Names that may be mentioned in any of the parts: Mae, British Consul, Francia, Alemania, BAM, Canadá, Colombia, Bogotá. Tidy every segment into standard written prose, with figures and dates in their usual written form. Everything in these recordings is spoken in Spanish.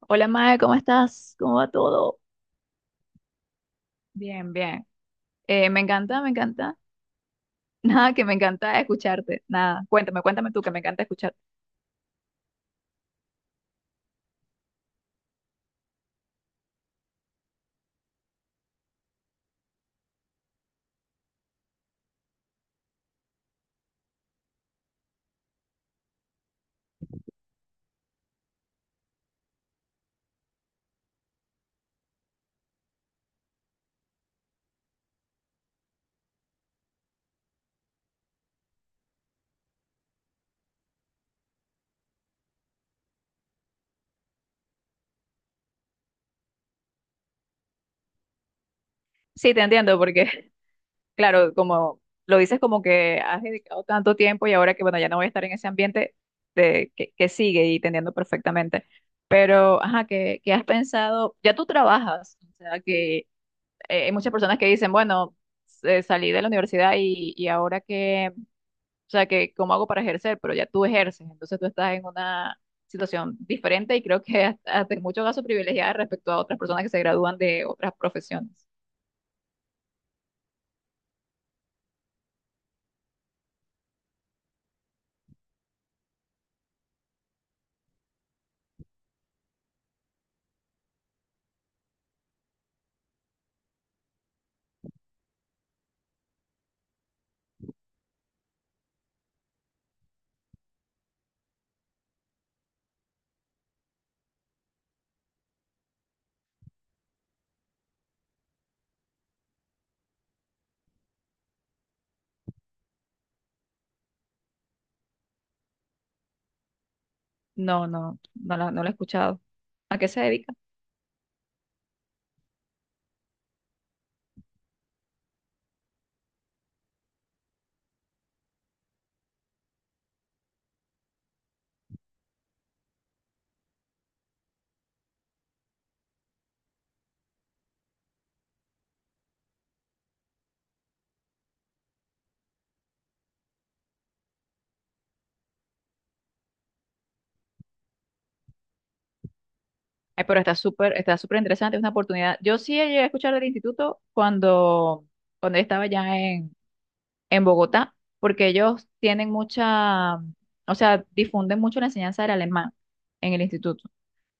Hola Mae, ¿cómo estás? ¿Cómo va todo? Bien, bien. Me encanta, me encanta. Nada, que me encanta escucharte. Nada, cuéntame, cuéntame tú, que me encanta escucharte. Sí, te entiendo, porque, claro, como lo dices, como que has dedicado tanto tiempo y ahora que, bueno, ya no voy a estar en ese ambiente de, que sigue, y te entiendo perfectamente. Pero, ajá, ¿qué has pensado? Ya tú trabajas, o sea, que hay muchas personas que dicen, bueno, salí de la universidad y ahora que… O sea, que cómo hago para ejercer, pero ya tú ejerces, entonces tú estás en una situación diferente y creo que hasta, hasta en muchos casos privilegiada respecto a otras personas que se gradúan de otras profesiones. No, no la he escuchado. ¿A qué se dedica? Ay, pero está súper interesante, es una oportunidad. Yo sí llegué a escuchar del instituto cuando, cuando yo estaba ya en Bogotá, porque ellos tienen mucha, o sea, difunden mucho la enseñanza del alemán en el instituto.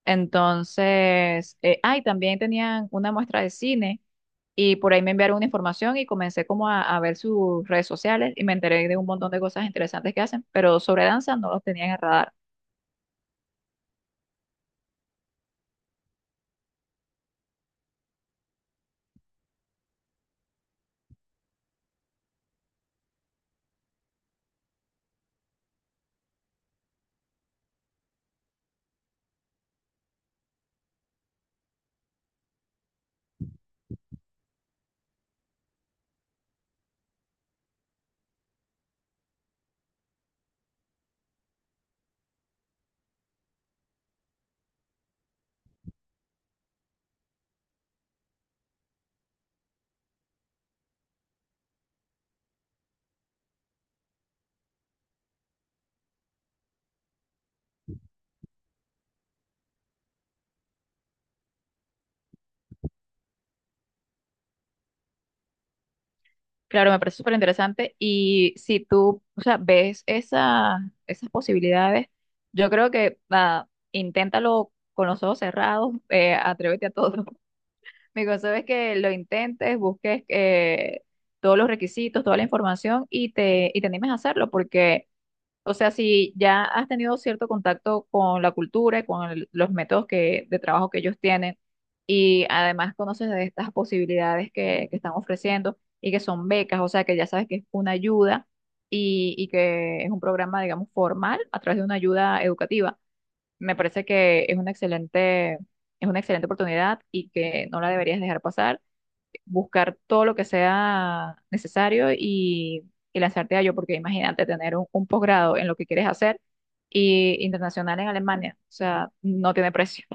Entonces, ay, también tenían una muestra de cine, y por ahí me enviaron una información y comencé como a ver sus redes sociales, y me enteré de un montón de cosas interesantes que hacen, pero sobre danza no los tenía en el radar. Claro, me parece súper interesante, y si tú, o sea, ves esa, esas posibilidades, yo creo que nada, inténtalo con los ojos cerrados, atrévete a todo. Mi consejo es que lo intentes, busques todos los requisitos, toda la información, y te animes a hacerlo, porque, o sea, si ya has tenido cierto contacto con la cultura y con los métodos que, de trabajo que ellos tienen, y además conoces de estas posibilidades que están ofreciendo y que son becas, o sea, que ya sabes que es una ayuda y que es un programa, digamos, formal a través de una ayuda educativa. Me parece que es una excelente oportunidad y que no la deberías dejar pasar. Buscar todo lo que sea necesario y lanzarte a ello, porque imagínate tener un posgrado en lo que quieres hacer, y internacional en Alemania. O sea, no tiene precio.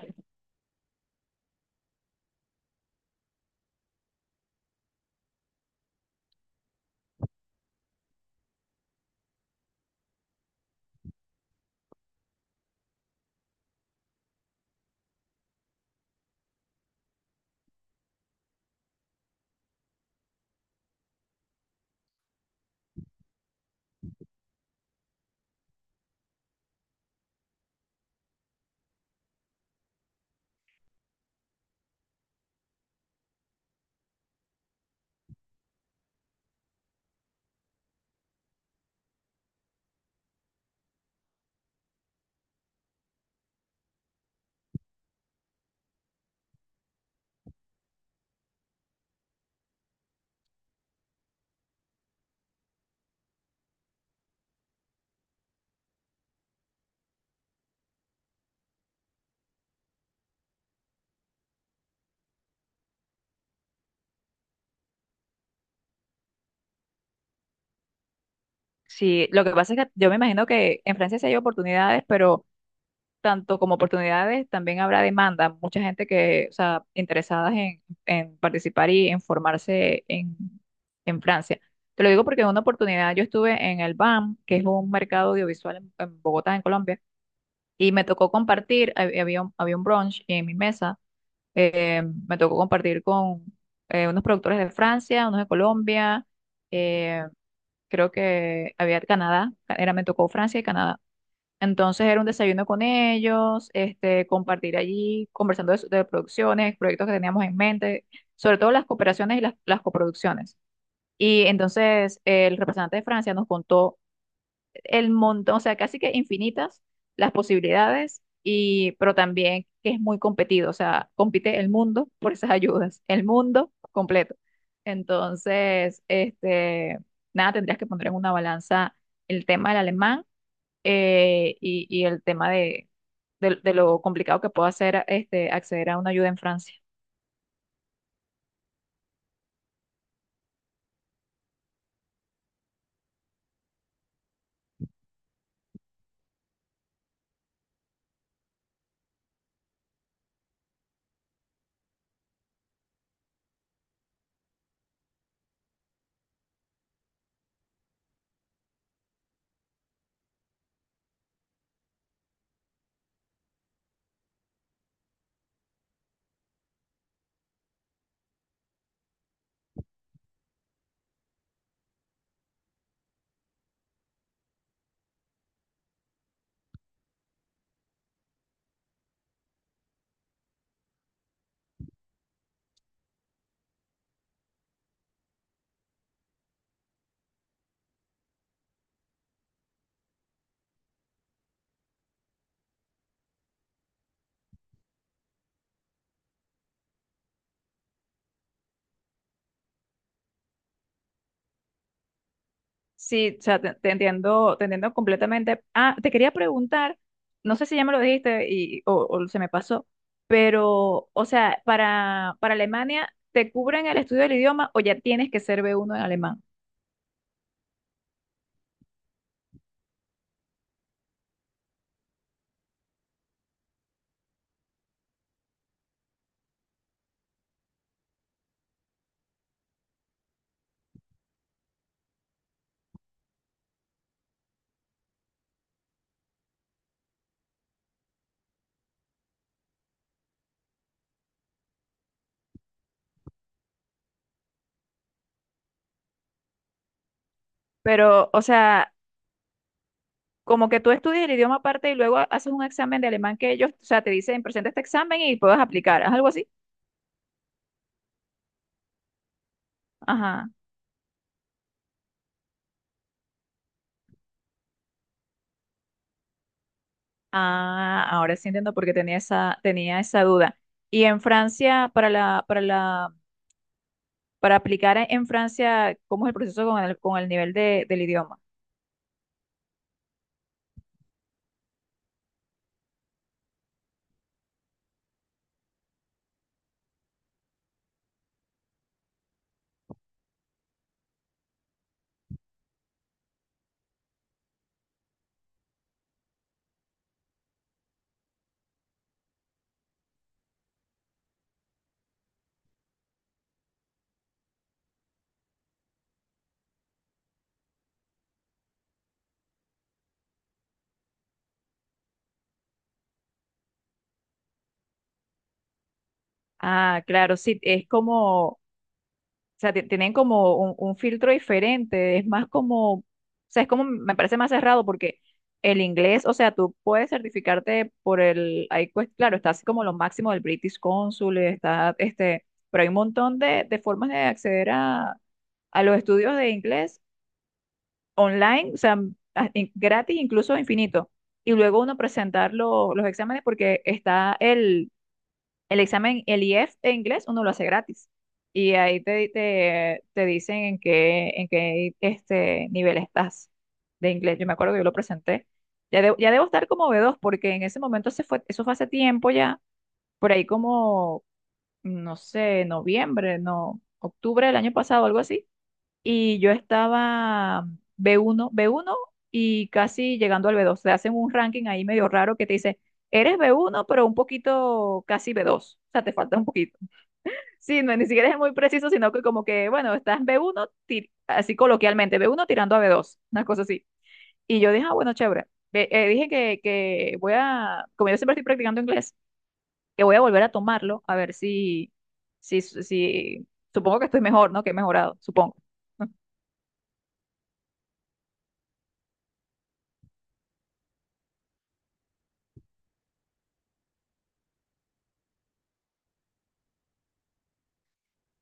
Sí, lo que pasa es que yo me imagino que en Francia sí hay oportunidades, pero tanto como oportunidades, también habrá demanda. Mucha gente que, o sea, interesadas en participar y en formarse en Francia. Te lo digo porque en una oportunidad yo estuve en el BAM, que es un mercado audiovisual en Bogotá, en Colombia, y me tocó compartir, había un brunch en mi mesa, me tocó compartir con unos productores de Francia, unos de Colombia, eh, creo que había de Canadá, era, me tocó Francia y Canadá. Entonces era un desayuno con ellos, este, compartir allí, conversando de, de producciones, proyectos que teníamos en mente, sobre todo las cooperaciones y las coproducciones. Y entonces el representante de Francia nos contó el montón, o sea, casi que infinitas las posibilidades, y, pero también que es muy competido, o sea, compite el mundo por esas ayudas, el mundo completo. Entonces, este, nada, tendrías que poner en una balanza el tema del alemán, y el tema de, de lo complicado que puede ser este, acceder a una ayuda en Francia. Sí, o sea, te, te entiendo completamente. Ah, te quería preguntar, no sé si ya me lo dijiste y, o se me pasó, pero, o sea, para Alemania, ¿te cubren el estudio del idioma o ya tienes que ser B1 en alemán? Pero, o sea, como que tú estudias el idioma aparte y luego haces un examen de alemán que ellos, o sea, te dicen, presenta este examen y puedes aplicar, ¿es algo así? Ajá. Ah, ahora sí entiendo por qué tenía esa duda. Y en Francia, para la, para la, para aplicar en Francia, ¿cómo es el proceso con el nivel de, del idioma? Ah, claro, sí, es como, o sea, tienen como un filtro diferente, es más como, o sea, es como, me parece más cerrado porque el inglés, o sea, tú puedes certificarte por el, ahí pues, claro, está así como lo máximo del British Consul, está, este, pero hay un montón de formas de acceder a los estudios de inglés online, o sea, gratis, incluso infinito. Y luego uno presentar los exámenes porque está el examen, el IF en inglés, uno lo hace gratis. Y ahí te, te, te dicen en qué este nivel estás de inglés. Yo me acuerdo que yo lo presenté. Ya, ya debo estar como B2 porque en ese momento se fue, eso fue hace tiempo ya, por ahí como, no sé, noviembre, no, octubre del año pasado, algo así, y yo estaba B1, B1 y casi llegando al B2. Te hacen un ranking ahí medio raro que te dice, eres B1, pero un poquito casi B2. O sea, te falta un poquito. Sí, no, ni siquiera es muy preciso, sino que como que, bueno, estás B1, así coloquialmente, B1 tirando a B2, una cosa así. Y yo dije, ah, bueno, chévere. Dije que voy a, como yo siempre estoy practicando inglés, que voy a volver a tomarlo, a ver si, si, si, supongo que estoy mejor, ¿no? Que he mejorado, supongo.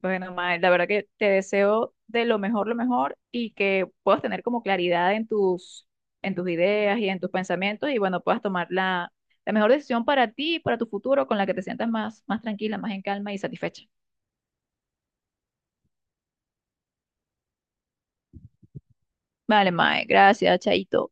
Bueno, Mae, la verdad que te deseo de lo mejor, lo mejor, y que puedas tener como claridad en tus ideas y en tus pensamientos, y bueno, puedas tomar la, la mejor decisión para ti y para tu futuro, con la que te sientas más, más tranquila, más en calma y satisfecha. Vale, Mae, gracias, chaito.